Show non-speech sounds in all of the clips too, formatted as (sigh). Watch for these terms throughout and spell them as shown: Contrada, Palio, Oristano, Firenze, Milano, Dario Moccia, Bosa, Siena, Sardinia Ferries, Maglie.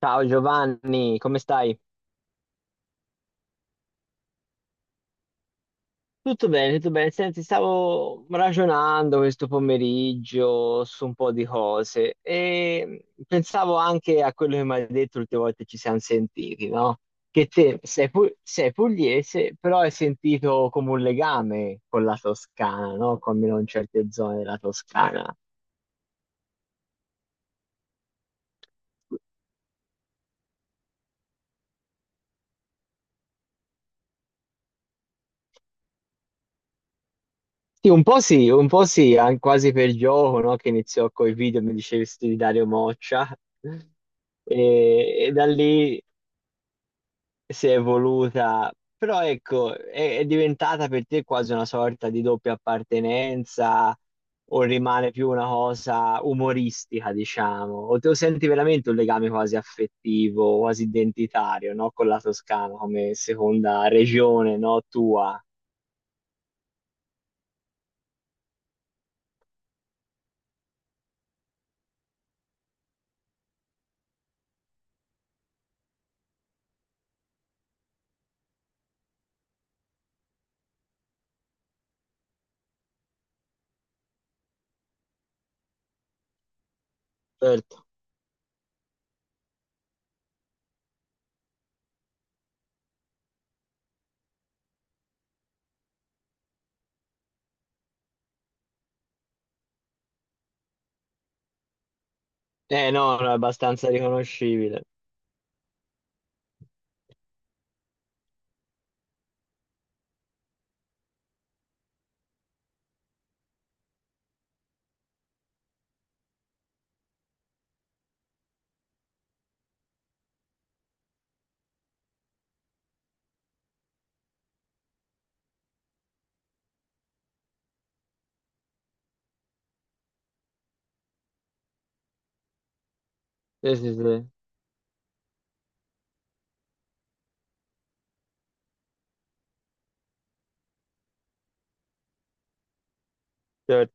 Ciao Giovanni, come stai? Tutto bene, tutto bene. Senti, stavo ragionando questo pomeriggio su un po' di cose e pensavo anche a quello che mi hai detto l'ultima volta che ci siamo sentiti, no? Che te sei pugliese, però hai sentito come un legame con la Toscana, no? Con almeno in certe zone della Toscana. Sì, un po' sì, un po' sì, quasi per gioco, no? Che iniziò coi video, mi dicesti di Dario Moccia, e da lì si è evoluta, però ecco, è diventata per te quasi una sorta di doppia appartenenza, o rimane più una cosa umoristica, diciamo, o te lo senti veramente un legame quasi affettivo, quasi identitario, no? Con la Toscana come seconda regione, no? Tua. Certo. Eh no, no, è abbastanza riconoscibile. Sì, sì, sì. Cioè,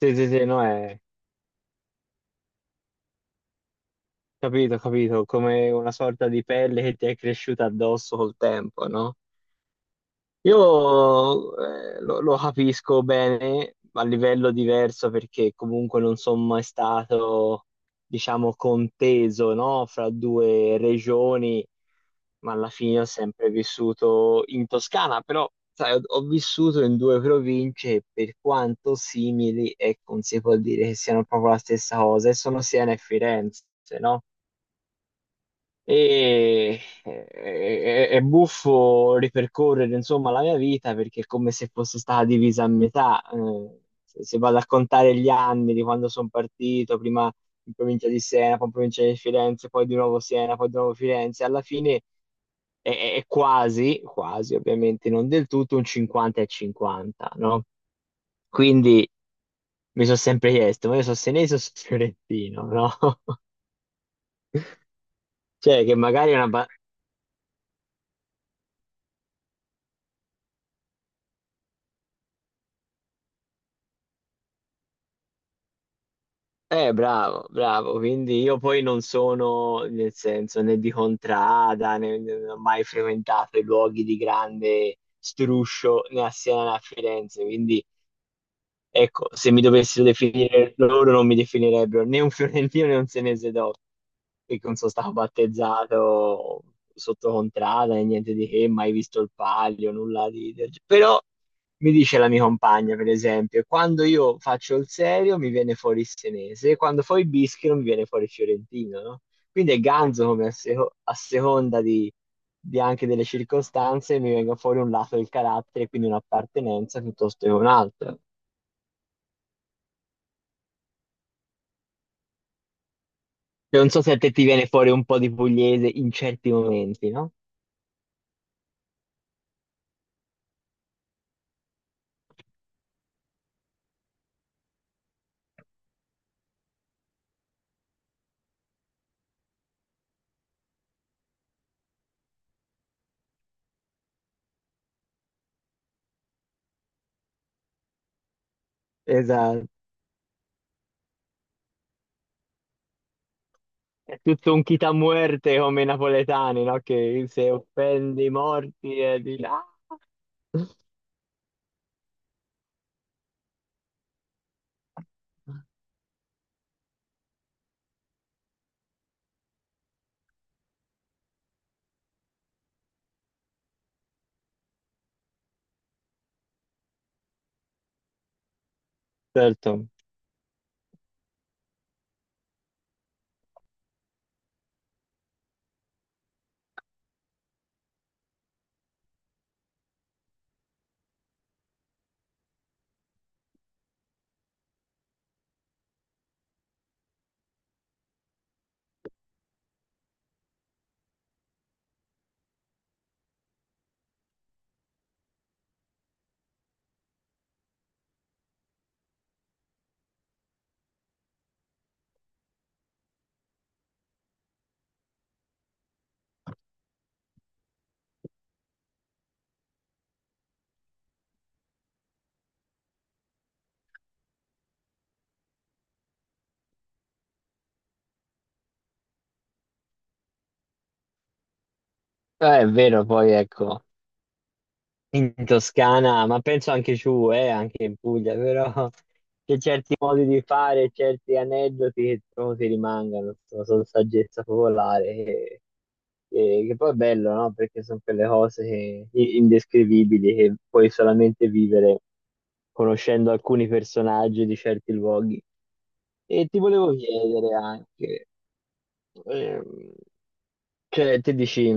sì, sì, sì, no, è... Capito, capito, come una sorta di pelle che ti è cresciuta addosso col tempo, no? Io lo capisco bene a livello diverso perché comunque non sono mai stato, diciamo, conteso, no? Fra due regioni, ma alla fine ho sempre vissuto in Toscana, però sai, ho vissuto in due province e per quanto simili, ecco, non si può dire che siano proprio la stessa cosa, e sono Siena e Firenze, no? È buffo ripercorrere insomma la mia vita perché è come se fosse stata divisa a metà. Se vado a contare gli anni di quando sono partito, prima in provincia di Siena, poi in provincia di Firenze, poi di nuovo Siena, poi di nuovo Firenze, alla fine è quasi, quasi ovviamente non del tutto, un 50 e 50, no? Quindi mi sono sempre chiesto, ma io sono senese o sono fiorentino, no? (laughs) Cioè che magari è una... bravo, bravo, quindi io poi non sono, nel senso, né di Contrada, né, non ho mai frequentato i luoghi di grande struscio né a Siena né a Firenze, quindi ecco, se mi dovessero definire loro non mi definirebbero né un fiorentino né un senese dopo, perché non sono stato battezzato sotto contrada né niente di che, mai visto il palio, nulla di... Però mi dice la mia compagna, per esempio, quando io faccio il serio mi viene fuori il senese, quando fo il bischero mi viene fuori il fiorentino, no? Quindi è ganzo come a seconda di anche delle circostanze mi venga fuori un lato del carattere, quindi un'appartenenza piuttosto che un'altra. Non so se a te ti viene fuori un po' di pugliese in certi momenti, no? Esatto. È tutto un chita muerte come i napoletani, no? Che se offendi i morti e di là. Certo. È vero, poi ecco. In Toscana, ma penso anche giù, anche in Puglia, però (laughs) c'è certi modi di fare, certi aneddoti che trovo che rimangano, sono saggezza popolare, che poi è bello, no? Perché sono quelle cose indescrivibili che puoi solamente vivere conoscendo alcuni personaggi di certi luoghi. E ti volevo chiedere anche, ehm, cioè, te dici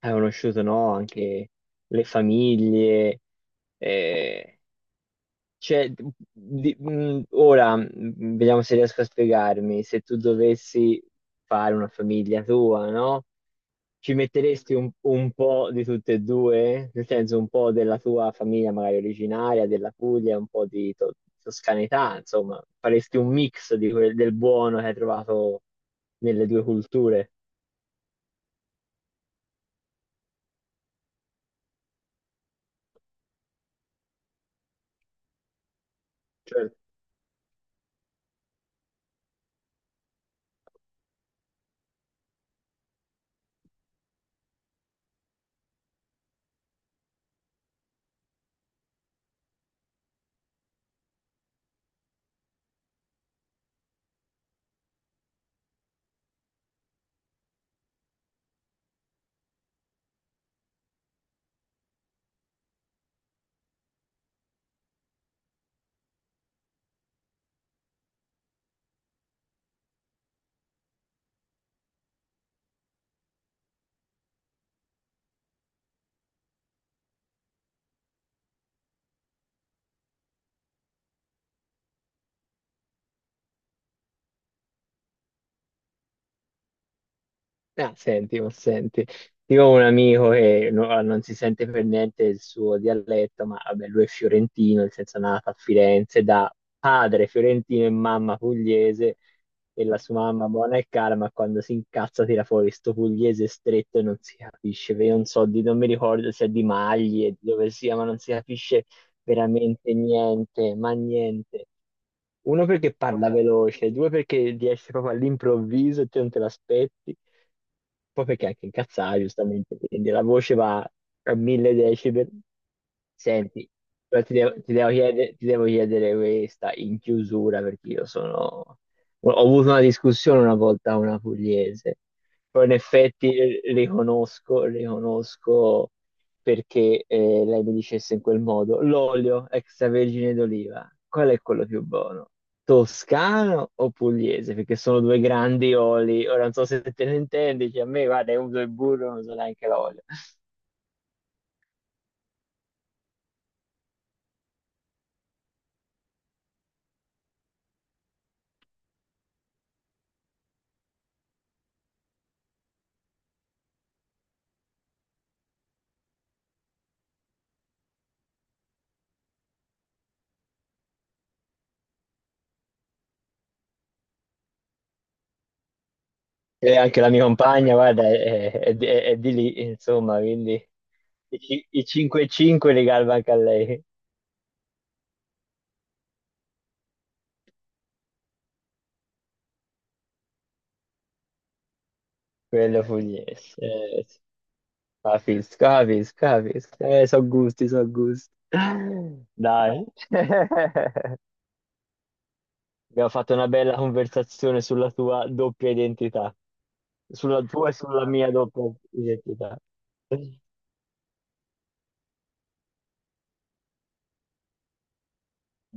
hai conosciuto, no, anche le famiglie. eh, cioè, ora vediamo se riesco a spiegarmi. Se tu dovessi fare una famiglia tua, no? Ci metteresti un po' di tutte e due? Nel senso, un po' della tua famiglia magari originaria, della Puglia, un po' di toscanità, insomma, faresti un mix di del buono che hai trovato nelle due culture. Cioè, ah, senti, ma senti, io ho un amico che non si sente per niente il suo dialetto, ma vabbè, lui è fiorentino, nel senso è nato a Firenze da padre fiorentino e mamma pugliese, e la sua mamma buona e cara, ma quando si incazza tira fuori sto pugliese stretto e non si capisce, perché io non so, di, non mi ricordo se è di Maglie, di dove sia, ma non si capisce veramente niente, ma niente. Uno perché parla veloce, due perché riesce proprio all'improvviso e te non te l'aspetti, poi perché anche incazzata, giustamente, quindi la voce va a 1000 decibel. Senti, però ti devo chiedere questa in chiusura perché io sono... Ho avuto una discussione una volta con una pugliese, però in effetti riconosco, riconosco perché lei mi dicesse in quel modo, l'olio extravergine d'oliva, qual è quello più buono? Toscano o pugliese? Perché sono due grandi oli. Ora non so se te ne intendi, cioè a me, guarda, io uso il burro, non so neanche l'olio. E anche la mia compagna, guarda, è di lì, insomma, quindi i 5 e 5 li galva anche a lei, quello pugliese. Sì. Capisco, capisco, capisco. So gusti, so gusti. Dai. (laughs) Abbiamo fatto una bella conversazione sulla tua doppia identità, sulla tua e sulla mia doppia identità.